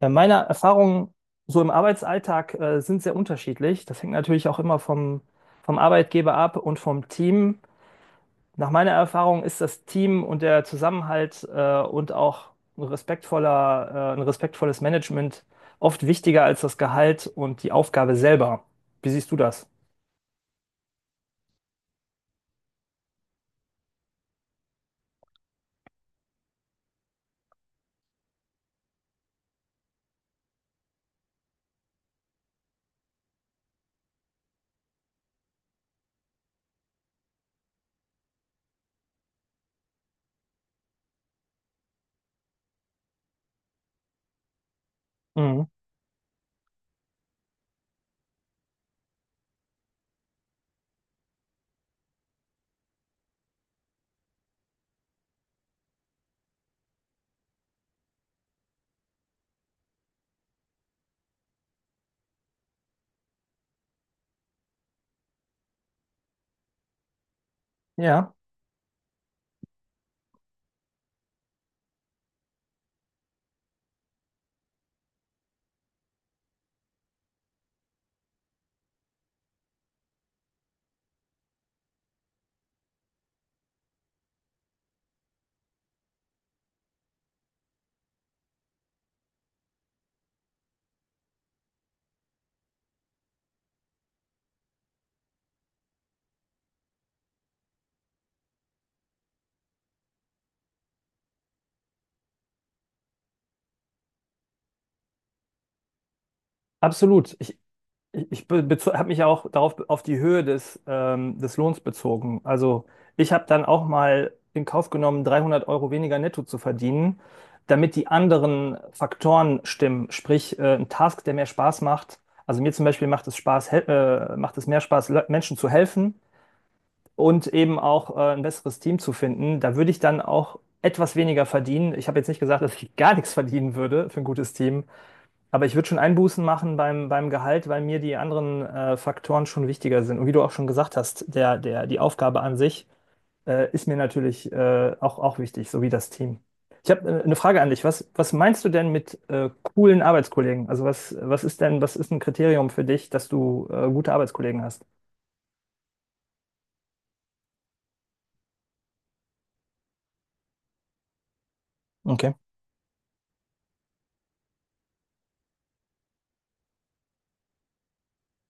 Meine Erfahrungen so im Arbeitsalltag sind sehr unterschiedlich. Das hängt natürlich auch immer vom Arbeitgeber ab und vom Team. Nach meiner Erfahrung ist das Team und der Zusammenhalt und auch ein respektvolles Management oft wichtiger als das Gehalt und die Aufgabe selber. Wie siehst du das? Mhm. Ja, absolut. Ich habe mich auch darauf auf die Höhe des Lohns bezogen. Also ich habe dann auch mal in Kauf genommen, 300 € weniger netto zu verdienen, damit die anderen Faktoren stimmen. Sprich, ein Task, der mehr Spaß macht. Also mir zum Beispiel macht es Spaß, macht es mehr Spaß, Menschen zu helfen und eben auch ein besseres Team zu finden. Da würde ich dann auch etwas weniger verdienen. Ich habe jetzt nicht gesagt, dass ich gar nichts verdienen würde für ein gutes Team, aber ich würde schon Einbußen machen beim Gehalt, weil mir die anderen Faktoren schon wichtiger sind. Und wie du auch schon gesagt hast, die Aufgabe an sich ist mir natürlich auch wichtig, sowie das Team. Ich habe eine Frage an dich. Was meinst du denn mit coolen Arbeitskollegen? Also was ist denn, was ist ein Kriterium für dich, dass du gute Arbeitskollegen hast? Okay.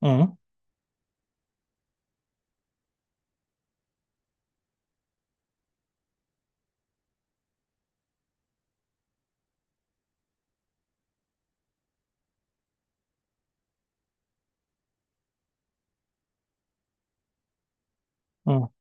Mhm. Mhm.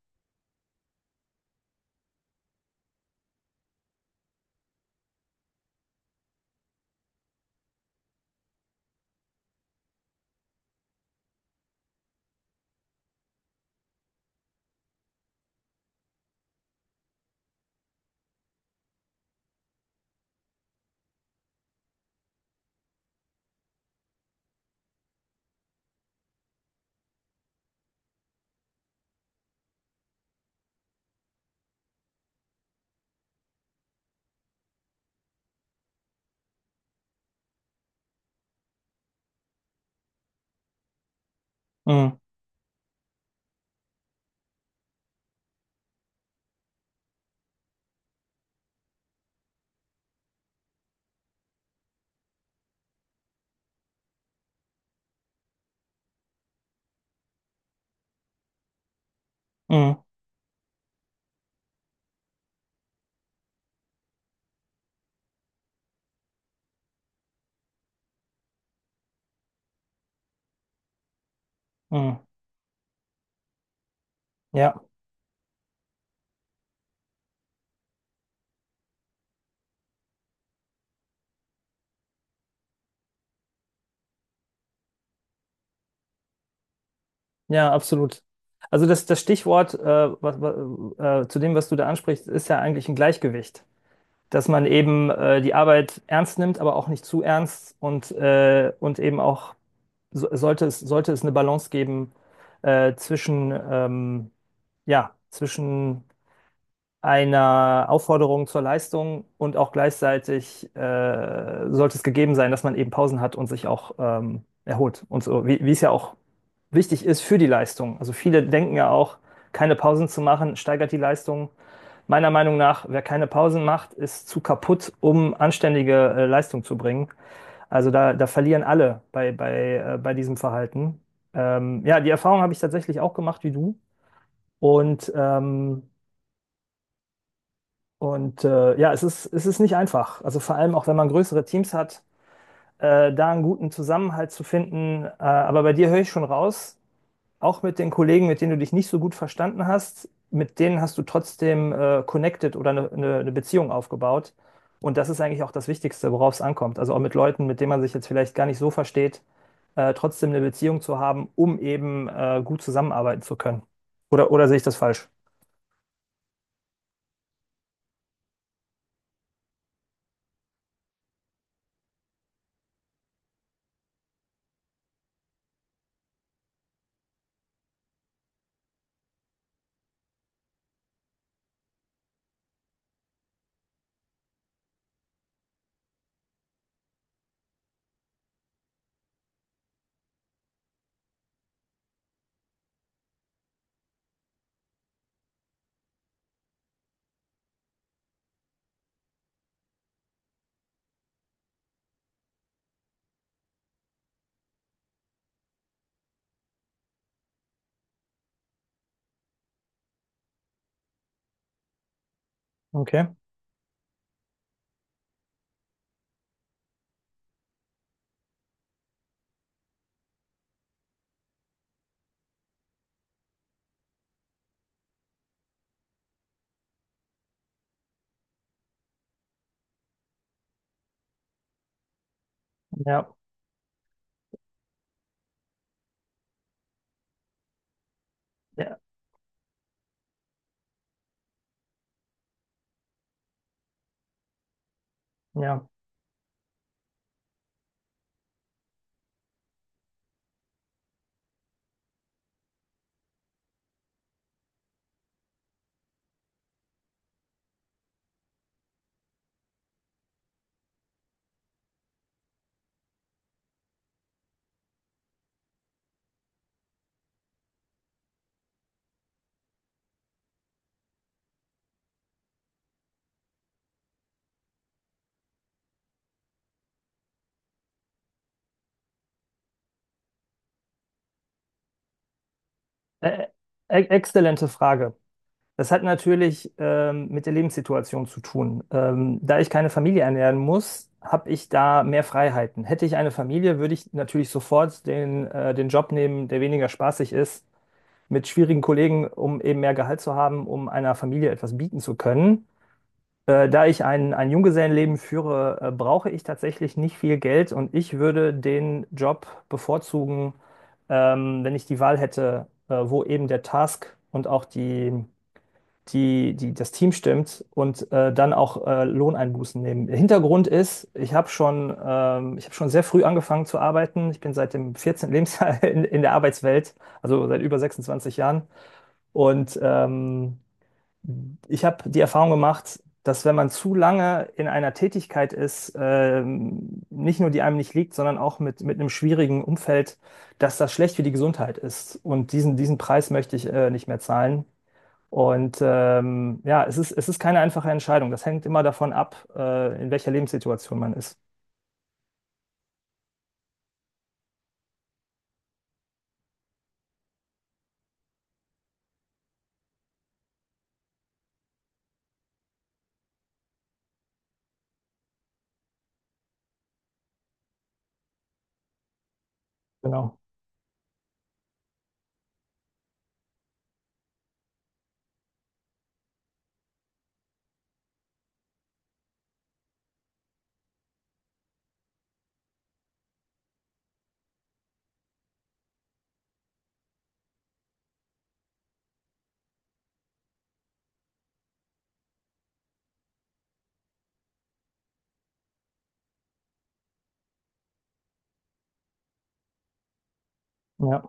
Mhm. Mhm. Mhm. Ja, ja, absolut. Also das Stichwort zu dem, was du da ansprichst, ist ja eigentlich ein Gleichgewicht. Dass man eben die Arbeit ernst nimmt, aber auch nicht zu ernst und und eben auch so, sollte es eine Balance geben äh, zwischen, ähm, ja, zwischen einer Aufforderung zur Leistung und auch gleichzeitig sollte es gegeben sein, dass man eben Pausen hat und sich auch erholt und so, wie es ja auch wichtig ist für die Leistung. Also viele denken ja auch, keine Pausen zu machen, steigert die Leistung. Meiner Meinung nach, wer keine Pausen macht, ist zu kaputt, um anständige Leistung zu bringen. Also da verlieren alle bei diesem Verhalten. Ja, die Erfahrung habe ich tatsächlich auch gemacht wie du. Und, ähm, und ja, es ist nicht einfach. Also vor allem auch, wenn man größere Teams hat, da einen guten Zusammenhalt zu finden. Aber bei dir höre ich schon raus, auch mit den Kollegen, mit denen du dich nicht so gut verstanden hast, mit denen hast du trotzdem connected oder eine ne Beziehung aufgebaut. Und das ist eigentlich auch das Wichtigste, worauf es ankommt. Also auch mit Leuten, mit denen man sich jetzt vielleicht gar nicht so versteht, trotzdem eine Beziehung zu haben, um eben gut zusammenarbeiten zu können. Oder sehe ich das falsch? Okay. Ja, ja, ja. Ä- Exzellente Frage. Das hat natürlich mit der Lebenssituation zu tun. Da ich keine Familie ernähren muss, habe ich da mehr Freiheiten. Hätte ich eine Familie, würde ich natürlich sofort den Job nehmen, der weniger spaßig ist, mit schwierigen Kollegen, um eben mehr Gehalt zu haben, um einer Familie etwas bieten zu können. Da ich ein Junggesellenleben führe, brauche ich tatsächlich nicht viel Geld und ich würde den Job bevorzugen, wenn ich die Wahl hätte, wo eben der Task und auch das Team stimmt und dann auch Lohneinbußen nehmen. Der Hintergrund ist, ich habe schon sehr früh angefangen zu arbeiten. Ich bin seit dem 14. Lebensjahr in der Arbeitswelt, also seit über 26 Jahren. Und ich habe die Erfahrung gemacht, dass wenn man zu lange in einer Tätigkeit ist, nicht nur die einem nicht liegt, sondern auch mit einem schwierigen Umfeld, dass das schlecht für die Gesundheit ist. Und diesen Preis möchte ich nicht mehr zahlen. Und ja, es ist keine einfache Entscheidung. Das hängt immer davon ab, in welcher Lebenssituation man ist. Genau. Ja,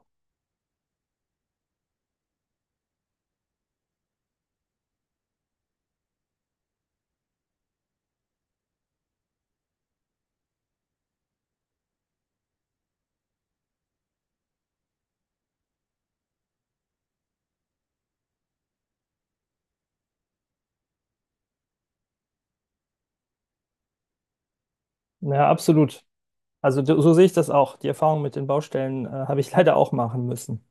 ja, absolut. Also so so sehe ich das auch. Die Erfahrung mit den Baustellen habe ich leider auch machen müssen.